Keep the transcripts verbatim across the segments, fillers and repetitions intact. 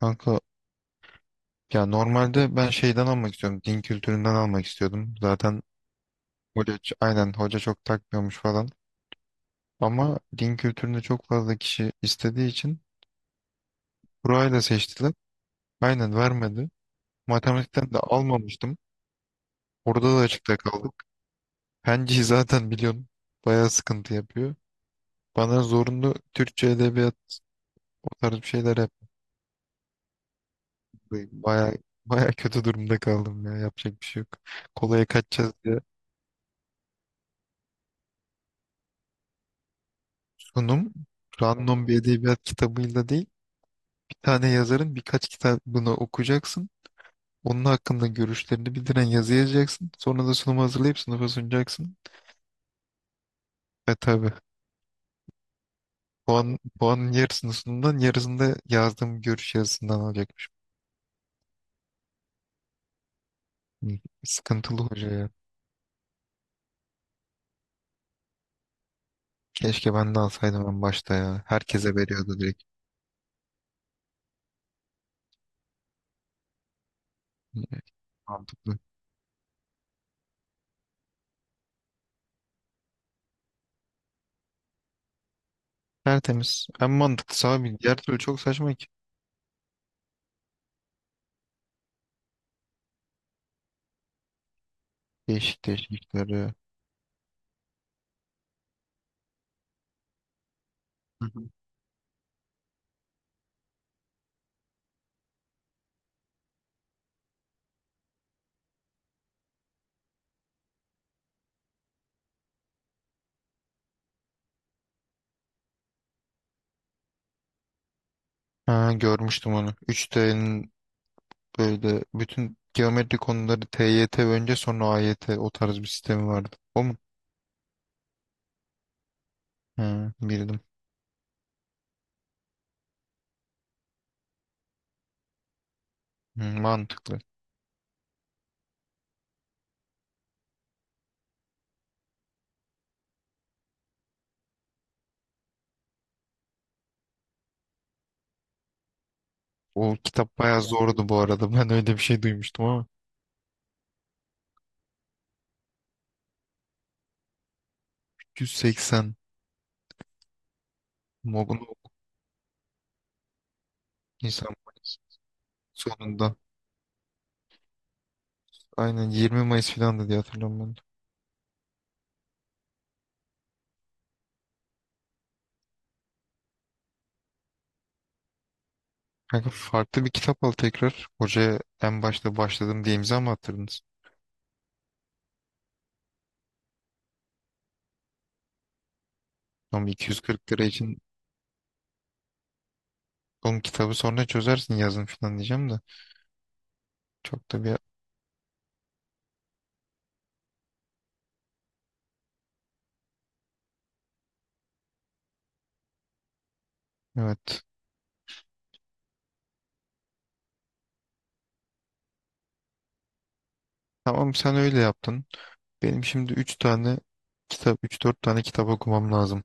Kanka ya normalde ben şeyden almak istiyorum. Din kültüründen almak istiyordum. Zaten hoca, ç- aynen hoca çok takmıyormuş falan. Ama din kültüründe çok fazla kişi istediği için burayla seçtiler. Aynen vermedi. Matematikten de almamıştım. Orada da açıkta kaldık. Penciyi zaten biliyorum. Bayağı sıkıntı yapıyor. Bana zorunlu Türkçe edebiyat o tarz bir şeyler yaptı. Bayağı bayağı kötü durumda kaldım ya. Yapacak bir şey yok. Kolaya kaçacağız diye. Sunum random bir edebiyat kitabıyla değil. Tane yazarın birkaç kitabını okuyacaksın. Onun hakkında görüşlerini bildiren yazı yazacaksın. Sonra da sunumu hazırlayıp sınıfa sunacaksın. Ve tabii puan, puanın yarısını sunumdan yarısını da yazdığım görüş yazısından alacakmış. Hı, sıkıntılı hoca ya. Keşke ben de alsaydım en başta ya. Herkese veriyordu direkt. Hı, mantıklı. Tertemiz. En mantıklısı abi. Diğer türlü çok saçma ki. Değişik değişik işler ya. Hı hı. Ha, görmüştüm onu. üç D'nin böyle bütün geometri konuları T Y T önce sonra A AYT o tarz bir sistemi vardı. O mu? Hı, bildim. Hı, mantıklı. O kitap bayağı ya zordu bu arada. Ben öyle bir şey duymuştum ama yüz seksen. Mogul insan Mayıs sonunda. Aynen yirmi Mayıs filandı diye hatırlıyorum ben. De. Kanka farklı bir kitap al tekrar. Hocaya en başta başladım diye imza mı attırdınız? Ama iki yüz kırk lira için onun kitabı sonra çözersin yazın filan diyeceğim de. Çok da bir... Evet. Tamam sen öyle yaptın. Benim şimdi üç tane kitap, üç dört tane kitap okumam lazım.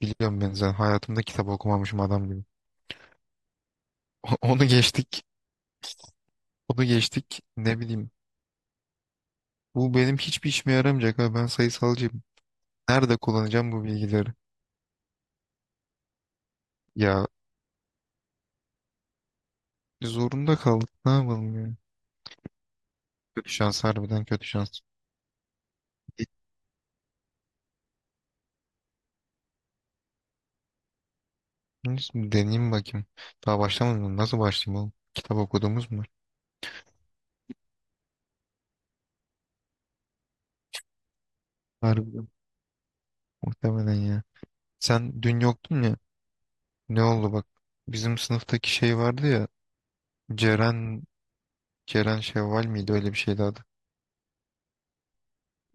Biliyorum ben zaten hayatımda kitap okumamışım adam gibi. Onu geçtik. Onu geçtik. Ne bileyim. Bu benim hiçbir işime yaramayacak abi. Ben sayısalcıyım. Nerede kullanacağım bu bilgileri? Ya zorunda kaldık. Ne yapalım ya? Kötü şans harbiden kötü şans. Neyse, deneyeyim bakayım. Daha başlamadım. Mı? Nasıl başlayayım oğlum? Kitap okuduğumuz mu var? Harbiden. Muhtemelen ya. Sen dün yoktun ya. Ne oldu bak. Bizim sınıftaki şey vardı ya. Ceren Ceren Şevval miydi öyle bir şeydi adı.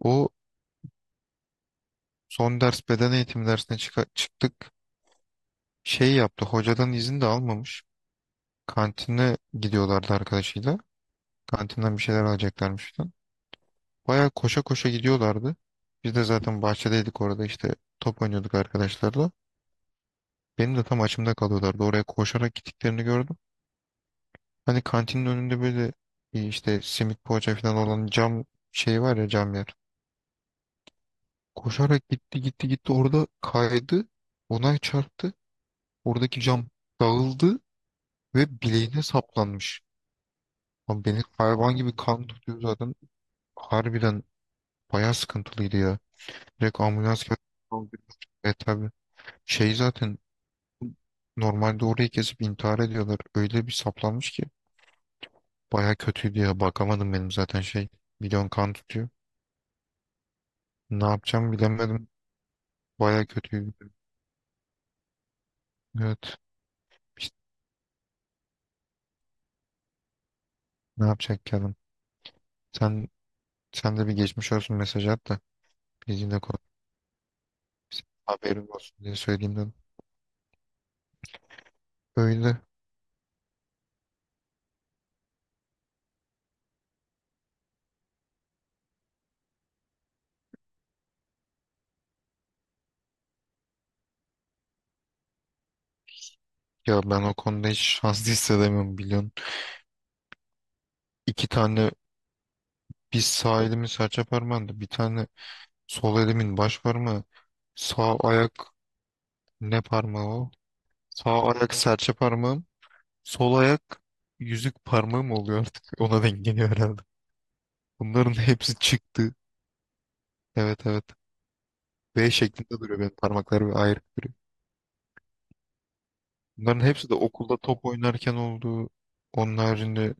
O son ders beden eğitimi dersine çıka- çıktık. Şey yaptı hocadan izin de almamış. Kantine gidiyorlardı arkadaşıyla. Kantinden bir şeyler alacaklarmış falan. Baya koşa koşa gidiyorlardı. Biz de zaten bahçedeydik orada işte top oynuyorduk arkadaşlarla. Benim de tam açımda kalıyorlardı. Oraya koşarak gittiklerini gördüm. Hani kantinin önünde böyle e, işte simit poğaça falan olan cam şey var ya cam yer. Koşarak gitti gitti gitti orada kaydı. Ona çarptı. Oradaki cam dağıldı ve bileğine saplanmış. Abi beni hayvan gibi kan tutuyor zaten. Harbiden bayağı sıkıntılıydı ya. Direkt ambulans geldi. E tabi. Şey zaten normalde orayı kesip intihar ediyorlar. Öyle bir saplanmış ki. Bayağı kötüydü ya. Bakamadım benim zaten şey. Milyon kan tutuyor. Ne yapacağımı bilemedim. Bayağı kötüydü. Evet. İşte ne yapacak ki adam? Sen, sen de bir geçmiş olsun mesaj at da. Bizimle konuş. Haberin olsun diye söyleyeyim dedim. Öyle. Ya ben o konuda hiç şanslı hissedemiyorum biliyorsun. İki tane bir sağ elimin serçe parmağında bir tane sol elimin baş parmağı. Sağ ayak ne parmağı o? Sağ ayak serçe parmağım. Sol ayak yüzük parmağım oluyor artık. Ona denk geliyor herhalde. Bunların hepsi çıktı. Evet evet. V şeklinde duruyor benim parmaklarım ayrı duruyor. Bunların hepsi de okulda top oynarken oldu. Onun haricinde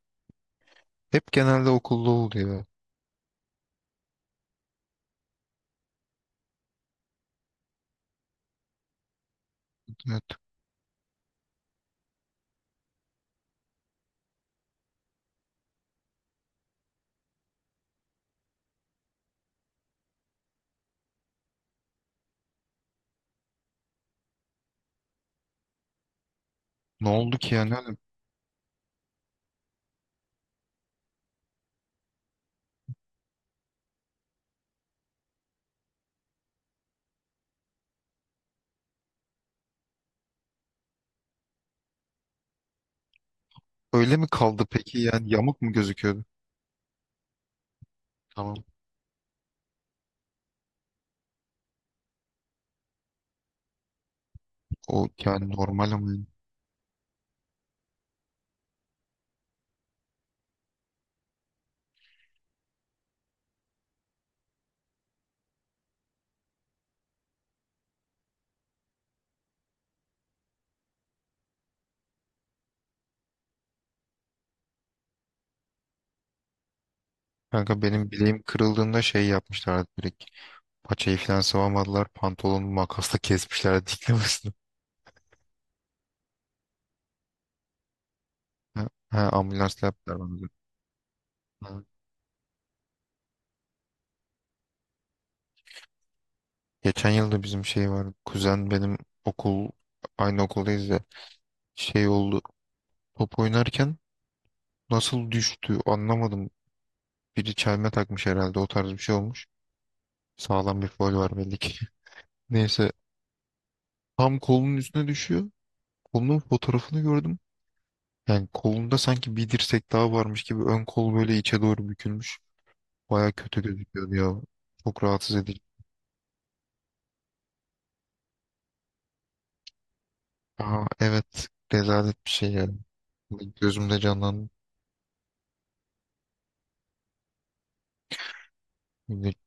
hep genelde okulda oldu ya. Evet. Ne oldu ki yani? Öyle mi kaldı peki yani yamuk mu gözüküyordu? Tamam. O yani normal ama yani. Kanka benim bileğim kırıldığında şey yapmışlardı direkt. Paçayı falan sıvamadılar. Pantolonumu makasla kesmişlerdi diklemesine. Ha, ha ambulansla yaptılar bana. Da. Ha. Geçen yılda bizim şey var kuzen benim okul aynı okuldayız ya. Şey oldu. Top oynarken nasıl düştü anlamadım. Biri çelme takmış herhalde o tarz bir şey olmuş. Sağlam bir faul var belli ki. Neyse tam kolunun üstüne düşüyor. Kolunun fotoğrafını gördüm. Yani kolunda sanki bir dirsek daha varmış gibi ön kol böyle içe doğru bükülmüş. Baya kötü gözüküyordu ya. Çok rahatsız edici. Aa evet. Rezalet bir şey yani. Gözümde canlandı.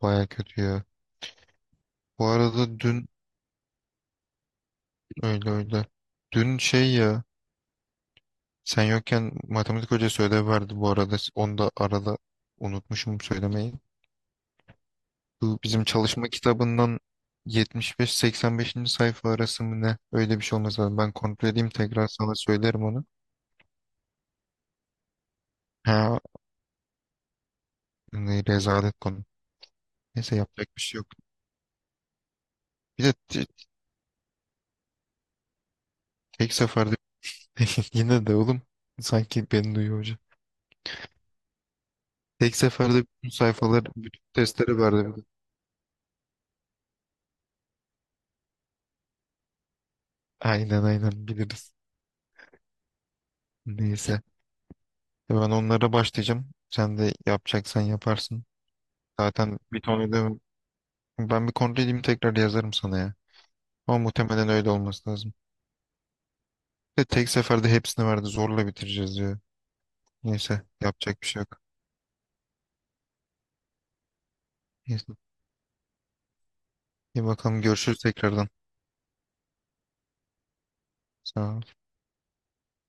Baya kötü ya. Bu arada dün öyle öyle. Dün şey ya. Sen yokken matematik hocası ödev verdi bu arada. Onu da arada unutmuşum söylemeyi. Bu bizim çalışma kitabından yetmiş beş-seksen beşinci sayfa arası mı ne? Öyle bir şey olmaz lazım. Ben kontrol edeyim tekrar sana söylerim onu. Ha, ne rezalet konu. Neyse yapacak bir şey yok. Bir de te- tek seferde yine de oğlum sanki beni duyuyor hoca. Tek seferde bütün sayfalar, bütün testleri verdi. Bir de. Aynen aynen biliriz. Neyse. Ben onlara başlayacağım. Sen de yapacaksan yaparsın. Zaten bir ton ödevim. Ben bir kontrol edeyim tekrar yazarım sana ya. Ama muhtemelen öyle olması lazım. Ve tek seferde hepsini verdi. Zorla bitireceğiz diyor. Neyse yapacak bir şey yok. Neyse. İyi bakalım görüşürüz tekrardan. Sağ ol.